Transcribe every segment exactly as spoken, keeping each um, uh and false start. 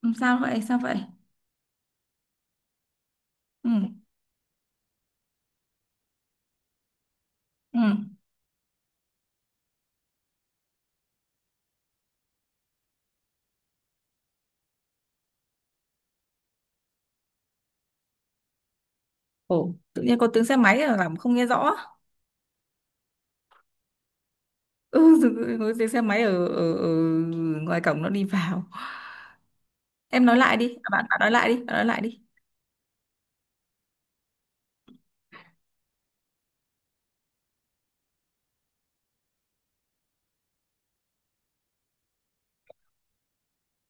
Ừ, sao vậy? Sao vậy? Ừ. Ừ. Ồ, tự nhiên có tiếng xe máy là làm không nghe rõ. Ừ, tự- có tiếng xe máy ở, ở, ở ngoài cổng nó đi vào. Em nói lại đi, à, bạn bạn nói lại đi, bạn nói lại đi.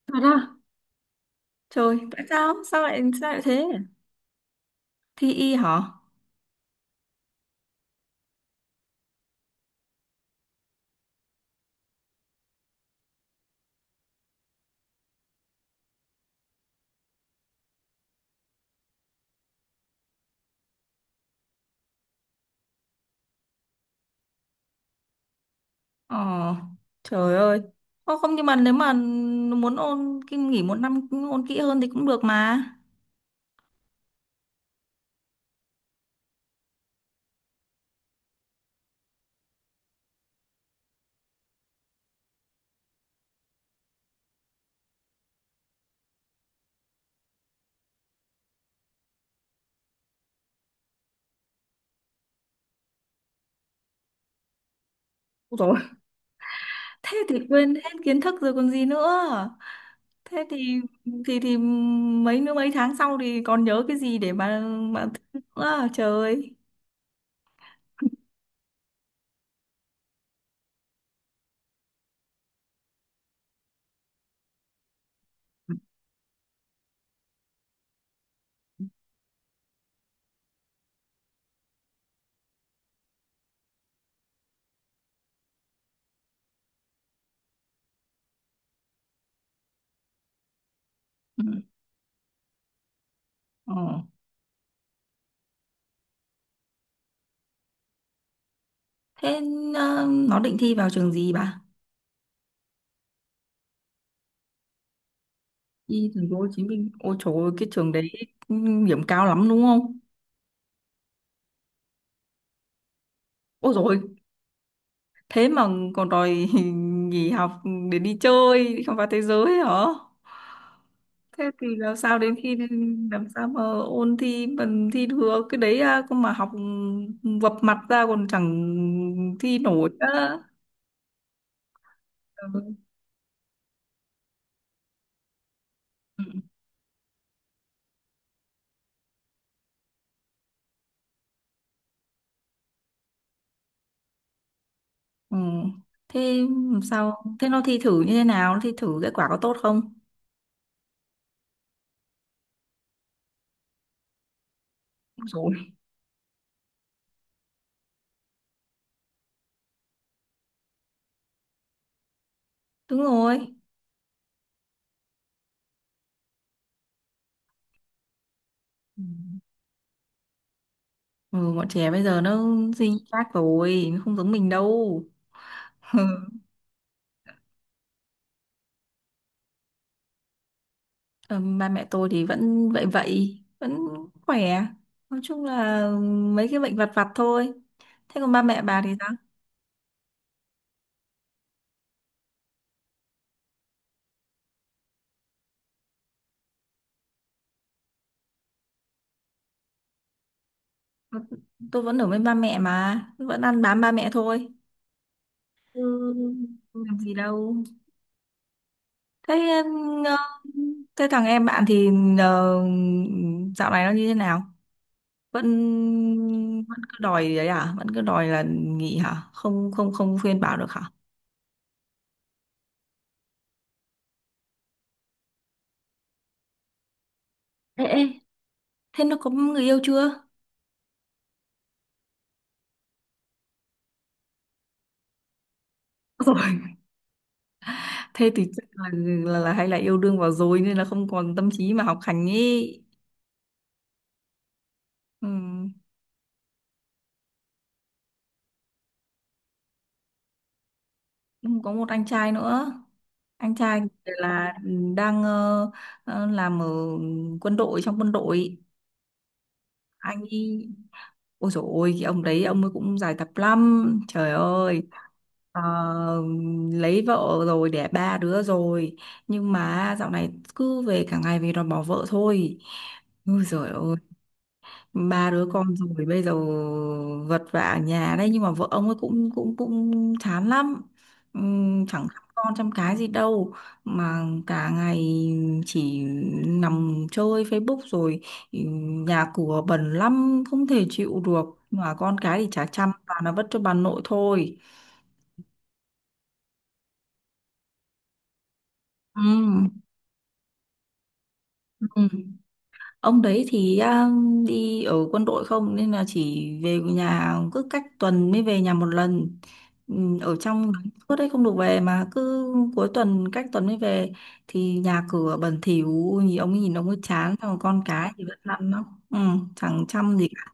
Thật à? Trời, tại sao? Sao lại sao lại thế? Thi y hả? Ờ, trời ơi. Ô, không, nhưng mà nếu mà muốn ôn kinh nghỉ một năm ôn kỹ hơn thì cũng được mà. Ôi, thế thì quên hết kiến thức rồi còn gì nữa, thế thì thì thì mấy nữa mấy tháng sau thì còn nhớ cái gì để mà mà thi nữa à? Trời ơi. Ừ. Ờ. Thế ờ, nó định thi vào trường gì bà? Đi thành phố Hồ Chí Minh. Ôi trời ơi, cái trường đấy điểm cao lắm đúng không? Ôi rồi, thế mà còn đòi nghỉ học để đi chơi đi khám phá thế giới hả? Thế thì làm sao đến khi làm sao mà ôn thi bằng thi được cái đấy à, không mà học ừ, vập mặt ra còn chẳng thi nổi nữa. Ừ. Ừ. Ừ. Thế làm sao, thế nó thi thử như thế nào, nó thi thử kết quả có tốt không? Rồi. Đúng rồi. Ừ. Ừ, bọn trẻ bây giờ nó suy khác rồi, nó không giống mình đâu. Ờ, ba mẹ tôi thì vẫn vậy vậy vẫn khỏe, nói chung là ừ, mấy cái bệnh vặt vặt thôi. Thế còn ba mẹ bà thì sao? Tôi vẫn ở với ba mẹ mà, vẫn ăn bám ba mẹ thôi. Ừ. Không làm gì đâu. Thế ờ, thế thằng em bạn thì ờ, dạo này nó như thế nào, vẫn vẫn cứ đòi đấy à? Vẫn cứ đòi là nghỉ hả? Không không không khuyên bảo được hả? Ê, ê. Thế nó có người yêu chưa? Rồi thế thì chắc là, là, là hay là yêu đương vào rồi nên là không còn tâm trí mà học hành ý. Ừ. Có một anh trai nữa. Anh trai là đang ờ, ờ, làm ở quân đội, trong quân đội. Anh ấy Ôi dồi ôi, cái ông đấy, ông ấy cũng dài tập lắm trời ơi. Ờ, lấy vợ rồi, đẻ ba đứa rồi, nhưng mà dạo này cứ về cả ngày, về đòi bỏ vợ thôi. Ôi dồi ôi, ba đứa con rồi bây giờ vật vã ở nhà đấy, nhưng mà vợ ông ấy cũng cũng cũng chán lắm. Ừm, chẳng chăm con chăm cái gì đâu, mà cả ngày chỉ nằm chơi Facebook rồi, ừm, nhà cửa bẩn lắm không thể chịu được, mà con cái thì chả chăm, toàn là vất cho bà nội thôi. Ừ. Ừ. Ông đấy thì à, đi ở quân đội, không nên là chỉ về nhà, cứ cách tuần mới về nhà một lần. Ừ, ở trong suốt đấy không được về, mà cứ cuối tuần, cách tuần mới về, thì nhà cửa bẩn thỉu, nhìn ông ấy nhìn ông ấy chán, xong rồi con cái thì vẫn lăn lắm. Ừ, chẳng chăm gì cả.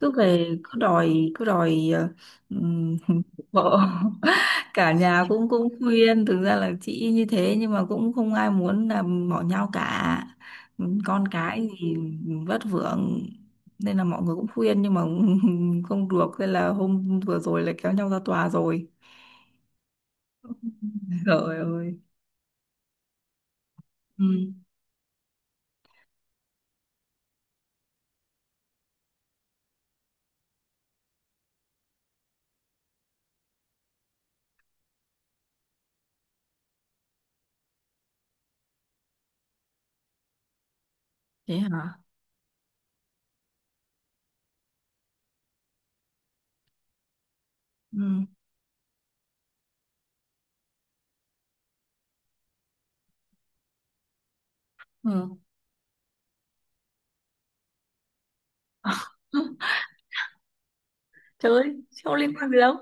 Cứ về cứ đòi cứ đòi ờ, ừm, vợ. Cả nhà cũng cũng khuyên, thực ra là chị như thế, nhưng mà cũng không ai muốn là bỏ nhau cả, con cái thì vất vưởng, nên là mọi người cũng khuyên nhưng mà không được, nên là hôm vừa rồi là kéo nhau ra tòa rồi. Trời ơi. Ừ. Thế hả. Ừ. Ừ. Trời ơi, sao liên quan gì đâu.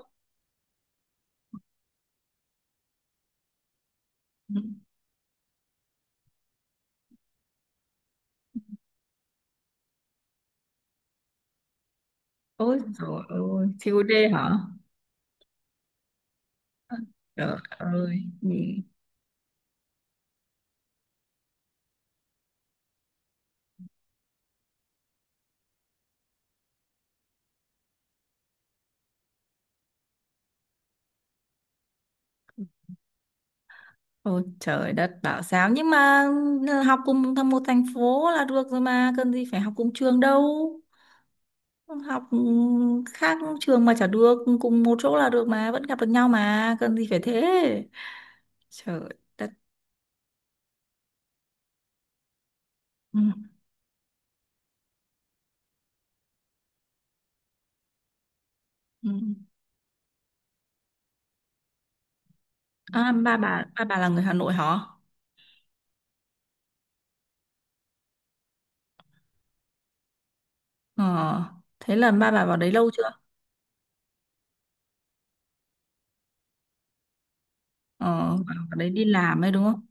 Ừ. Ôi trời ơi, siêu đê hả. Trời ơi. Ừ. Ôi trời đất bảo sao. Nhưng mà ờ, học cùng thăm một thành phố là được rồi, mà cần gì phải học cùng trường đâu, học ừ, khác trường mà chả được, cùng một chỗ là được mà, vẫn gặp được nhau mà, cần gì phải thế. Trời đất. Ừ. Ừ. À, ba bà ba bà là người Hà Nội hả? Ờ, thế là ba bà vào đấy lâu chưa? Ờ, vào đấy đi làm ấy đúng không?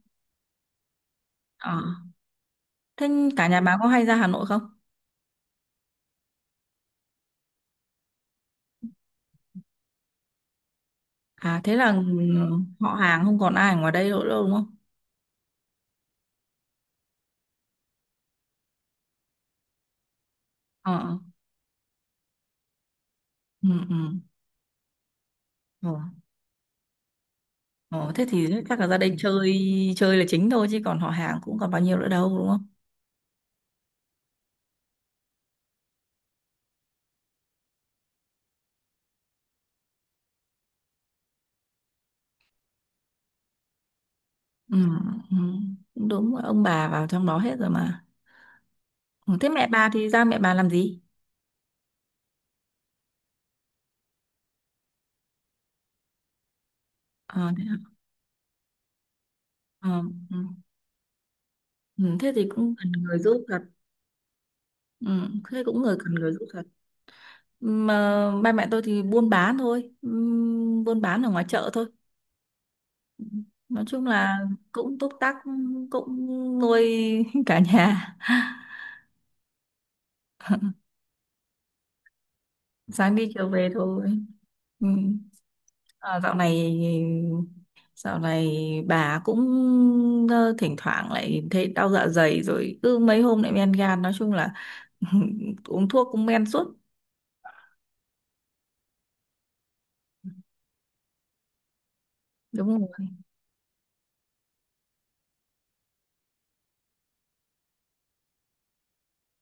Ờ, thế cả nhà bà có hay ra Hà Nội không? À, thế là ừ, họ hàng không còn ai ở ngoài đây nữa đâu đúng không? Ờ. Ừ. Ừ. Ờ, ờ, thế thì chắc là gia đình chơi, chơi là chính thôi, chứ còn họ hàng cũng còn bao nhiêu nữa đâu đúng không? Ừ, ừ, cũng đúng, ông bà vào trong đó hết rồi mà. Ừ, thế mẹ bà thì ra mẹ bà làm gì? Ờ, thế, hả? Ờ, ừ, ừ, thế thì cũng cần người giúp thật. Ừ, thế cũng người cần người giúp thật. Mà ba mẹ tôi thì buôn bán thôi, ừ, buôn bán ở ngoài chợ thôi. Nói chung là cũng túc tắc, cũng nuôi cả nhà, sáng đi chiều về thôi. Ừ. À, dạo này dạo này bà cũng ờ, thỉnh thoảng lại thấy đau dạ dày, rồi cứ mấy hôm lại men gan, nói chung là uống thuốc cũng men suốt. Đúng rồi.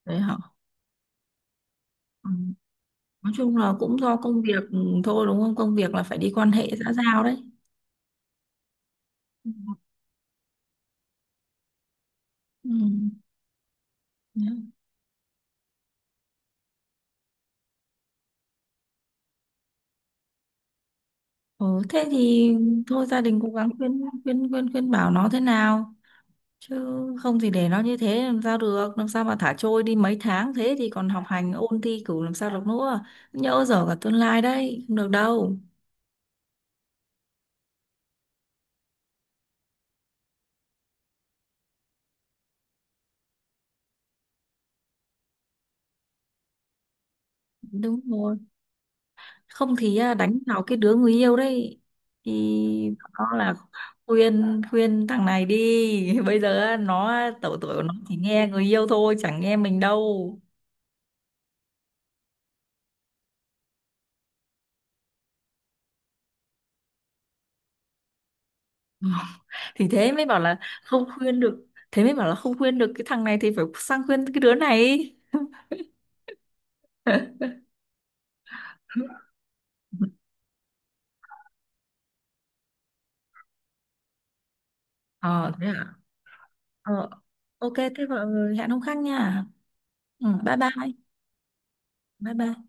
Đấy hả. Ừ. Nói chung là cũng do công việc thôi đúng không, công việc là phải đi quan hệ xã giao đấy. Ừ. Ừ. Đấy. Ừ, thế thì thôi, gia đình cố gắng khuyên khuyên khuyên khuyên bảo nó thế nào chứ, không thì để nó như thế làm sao được, làm sao mà thả trôi đi mấy tháng thế thì còn học hành ôn thi cử làm sao được nữa, nhỡ dở cả tương lai đấy, không được đâu. Đúng rồi, không thì à, đánh vào cái đứa người yêu đấy, thì nó là khuyên khuyên thằng này đi, bây giờ nó à, tổ tuổi của nó chỉ nghe người yêu thôi, chẳng nghe mình đâu. Ừ. Thì thế mới bảo là không khuyên được, thế mới bảo là không khuyên được cái thằng này thì phải sang khuyên cái đứa này. Ờ thế à. Ờ, ok, thế gọi hẹn hôm khác nha. Ừ, bye bye. Bye bye.